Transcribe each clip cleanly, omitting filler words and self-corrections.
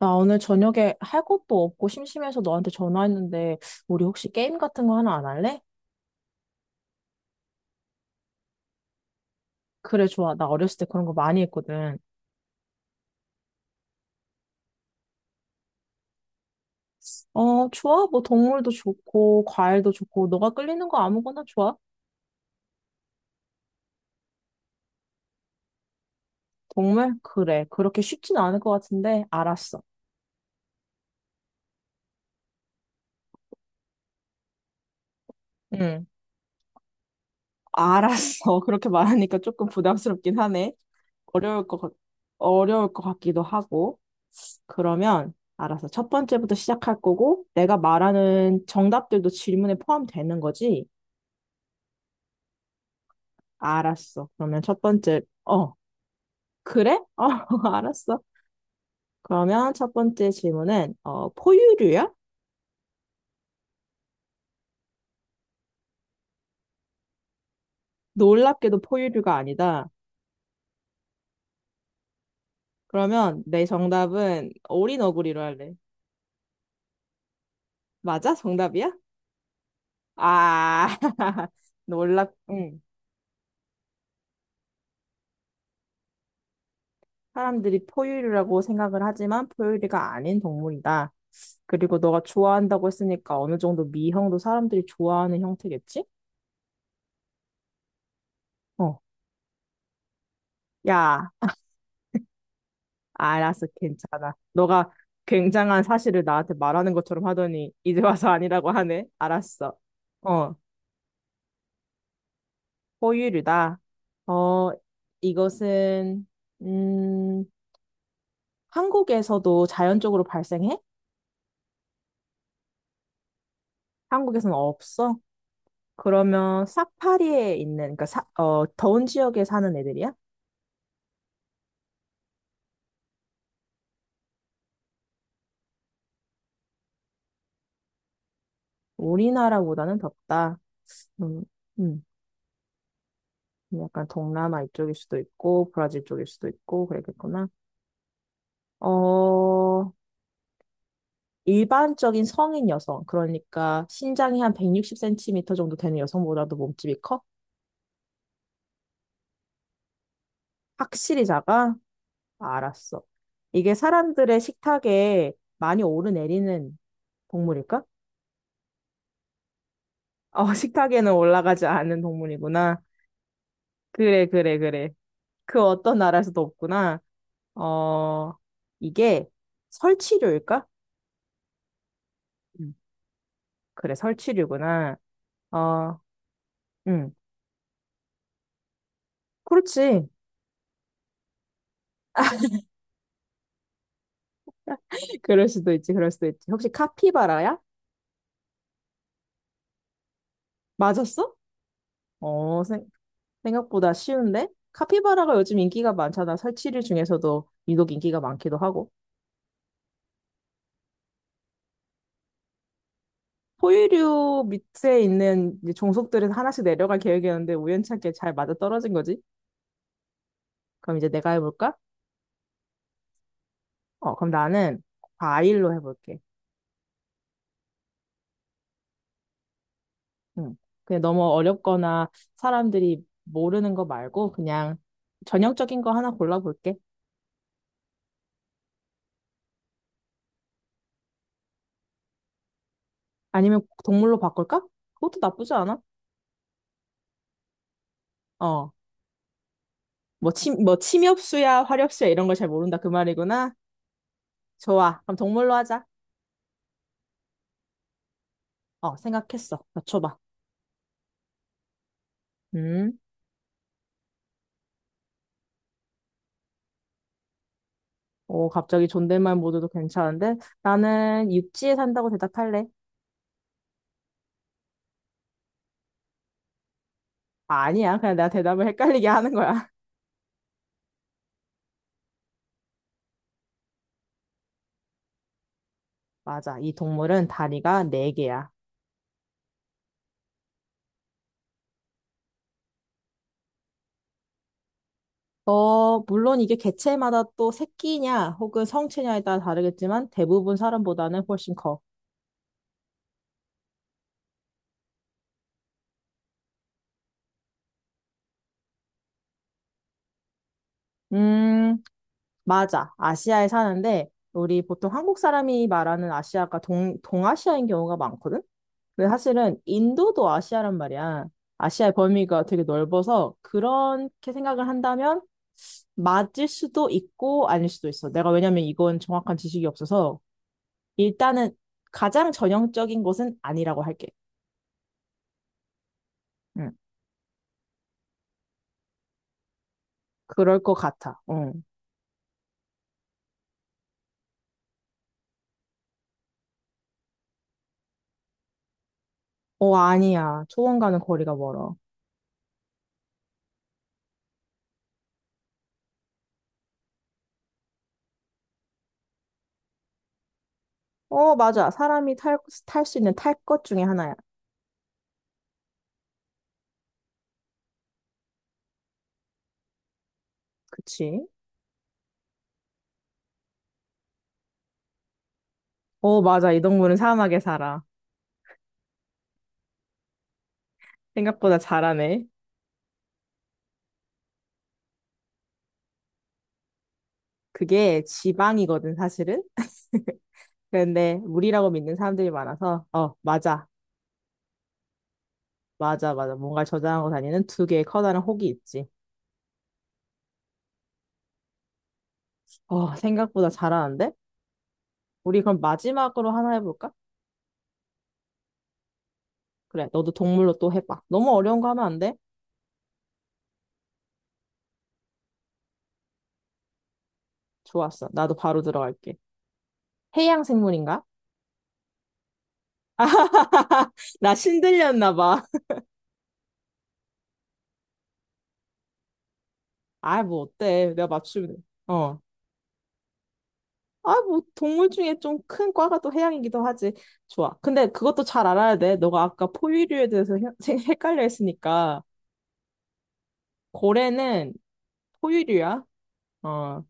나 오늘 저녁에 할 것도 없고 심심해서 너한테 전화했는데, 우리 혹시 게임 같은 거 하나 안 할래? 그래, 좋아. 나 어렸을 때 그런 거 많이 했거든. 어, 좋아. 뭐 동물도 좋고, 과일도 좋고, 너가 끌리는 거 아무거나 좋아. 동물? 그래. 그렇게 쉽진 않을 것 같은데, 알았어. 응. 알았어. 그렇게 말하니까 조금 부담스럽긴 하네. 어려울 것 같, 어려울 것 같기도 하고. 그러면, 알았어. 첫 번째부터 시작할 거고, 내가 말하는 정답들도 질문에 포함되는 거지? 알았어. 그러면 첫 번째, 어, 그래? 어, 알았어. 그러면 첫 번째 질문은, 어, 포유류야? 놀랍게도 포유류가 아니다. 그러면 내 정답은 어린 어구리로 할래. 맞아? 정답이야? 아, 응. 사람들이 포유류라고 생각을 하지만 포유류가 아닌 동물이다. 그리고 너가 좋아한다고 했으니까 어느 정도 미형도 사람들이 좋아하는 형태겠지? 어. 야. 알았어, 괜찮아. 너가 굉장한 사실을 나한테 말하는 것처럼 하더니 이제 와서 아니라고 하네. 알았어. 어, 포유류다. 어, 이것은 음, 한국에서도 자연적으로 발생해? 한국에서는 없어? 그러면 사파리에 있는 그러니까 어, 더운 지역에 사는 애들이야? 우리나라보다는 덥다. 음, 음, 약간 동남아 이쪽일 수도 있고 브라질 쪽일 수도 있고 그랬겠구나. 어, 일반적인 성인 여성, 그러니까 신장이 한 160cm 정도 되는 여성보다도 몸집이 커? 확실히 작아? 알았어. 이게 사람들의 식탁에 많이 오르내리는 동물일까? 어, 식탁에는 올라가지 않는 동물이구나. 그래, 그래, 그래. 그 어떤 나라에서도 없구나. 어, 이게 설치류일까? 음, 그래, 설치류구나. 어, 음, 그렇지. 그럴 수도 있지, 그럴 수도 있지. 혹시 카피바라야? 맞았어? 어, 생각보다 쉬운데? 카피바라가 요즘 인기가 많잖아. 설치류 중에서도 유독 인기가 많기도 하고. 포유류 밑에 있는 이제 종속들에서 하나씩 내려갈 계획이었는데 우연찮게 잘 맞아 떨어진 거지? 그럼 이제 내가 해볼까? 어, 그럼 나는 과일로 해볼게. 응. 그냥 너무 어렵거나 사람들이 모르는 거 말고 그냥 전형적인 거 하나 골라볼게. 아니면 동물로 바꿀까? 그것도 나쁘지 않아. 어, 뭐 침엽수야, 화렵수야 이런 걸 잘 모른다 그 말이구나. 좋아. 그럼 동물로 하자. 어, 생각했어. 맞춰봐. 음. 오, 갑자기 존댓말 모드도 괜찮은데? 나는 육지에 산다고 대답할래. 아, 아니야. 그냥 내가 대답을 헷갈리게 하는 거야. 맞아. 이 동물은 다리가 네개야. 어, 물론 이게 개체마다 또 새끼냐 혹은 성체냐에 따라 다르겠지만 대부분 사람보다는 훨씬 커. 음, 맞아. 아시아에 사는데 우리 보통 한국 사람이 말하는 아시아가 동아시아인 경우가 많거든? 근데 사실은 인도도 아시아란 말이야. 아시아의 범위가 되게 넓어서 그렇게 생각을 한다면 맞을 수도 있고 아닐 수도 있어. 내가 왜냐면 이건 정확한 지식이 없어서 일단은 가장 전형적인 것은 아니라고 할게. 응, 그럴 것 같아. 응. 어, 아니야. 초원과는 거리가 멀어. 어, 맞아. 사람이 탈 수 있는 탈 것 중에 하나야. 그치? 어, 맞아. 이 동물은 사막에 살아. 생각보다 잘하네. 그게 지방이거든, 사실은. 근데 물이라고 믿는 사람들이 많아서, 어, 맞아. 맞아, 맞아. 뭔가 저장하고 다니는 두 개의 커다란 혹이 있지. 어, 생각보다 잘하는데? 우리 그럼 마지막으로 하나 해볼까? 그래, 너도 동물로 또 해봐. 너무 어려운 거 하면 안 돼? 좋았어. 나도 바로 들어갈게. 해양 생물인가? 나 신들렸나 봐. 아, 뭐 어때? 내가 맞추면 돼. 어. 아, 뭐 동물 중에 좀 큰 과가 또 해양이기도 하지. 좋아. 근데 그것도 잘 알아야 돼. 너가 아까 포유류에 대해서 헷갈려 했으니까 고래는 포유류야? 어,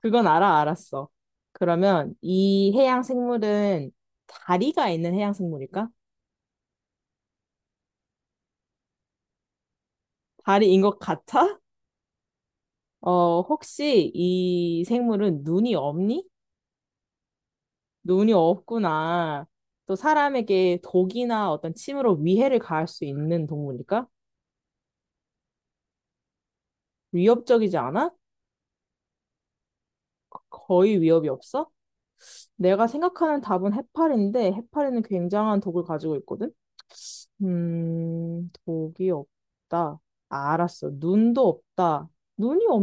그건 알아, 알았어. 그러면 이 해양 생물은 다리가 있는 해양 생물일까? 다리인 것 같아? 어, 혹시 이 생물은 눈이 없니? 눈이 없구나. 또 사람에게 독이나 어떤 침으로 위해를 가할 수 있는 동물일까? 위협적이지 않아? 거의 위협이 없어? 내가 생각하는 답은 해파리인데 해파리는 굉장한 독을 가지고 있거든? 독이 없다. 아, 알았어. 눈도 없다. 눈이 없,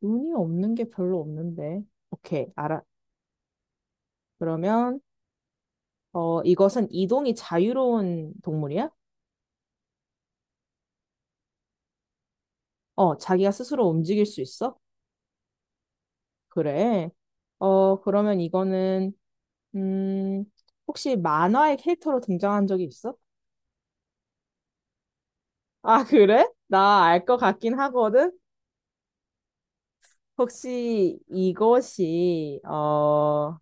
눈이 없는 게 별로 없는데. 오케이, 알아. 그러면, 어, 이것은 이동이 자유로운 동물이야? 어, 자기가 스스로 움직일 수 있어? 그래. 어, 그러면 이거는, 음, 혹시 만화의 캐릭터로 등장한 적이 있어? 아, 그래? 나 알 것 같긴 하거든? 혹시 이것이, 어,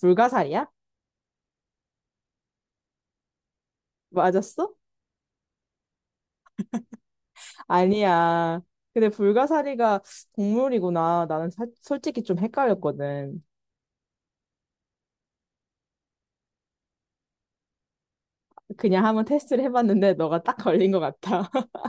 불가사리야? 맞았어? 아니야. 근데 불가사리가 동물이구나. 나는 솔직히 좀 헷갈렸거든. 그냥 한번 테스트를 해봤는데 너가 딱 걸린 것 같아.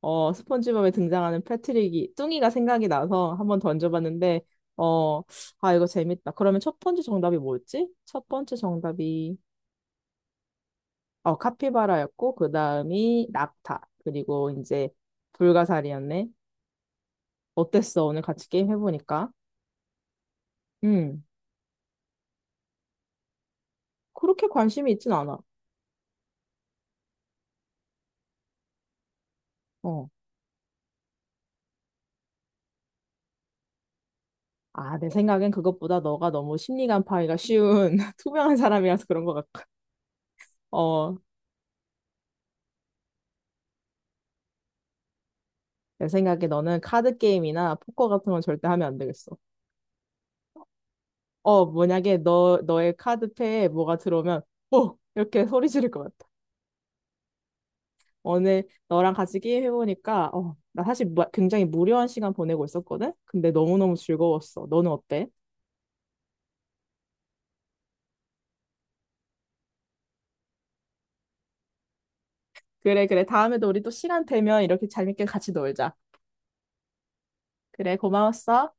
어, 스폰지밥에 등장하는 패트릭이 뚱이가 생각이 나서 한번 던져봤는데 어, 아 이거 재밌다. 그러면 첫 번째 정답이 뭐였지? 첫 번째 정답이 어 카피바라였고 그 다음이 낙타 그리고 이제 불가사리였네. 어땠어? 오늘 같이 게임 해보니까? 음, 그렇게 관심이 있진 않아. 어. 아, 내 생각엔 그것보다 너가 너무 심리 간파하기가 쉬운 투명한 사람이라서 그런 것 같고. 어, 내 생각에 너는 카드 게임이나 포커 같은 건 절대 하면 안 되겠어. 어, 만약에 너의 카드패에 뭐가 들어오면, 어! 이렇게 소리 지를 것 같아. 오늘 너랑 같이 게임 해보니까, 어, 나 사실 굉장히 무료한 시간 보내고 있었거든? 근데 너무너무 즐거웠어. 너는 어때? 그래, 그래. 다음에도 우리 또 시간 되면 이렇게 재밌게 같이 놀자. 그래, 고마웠어.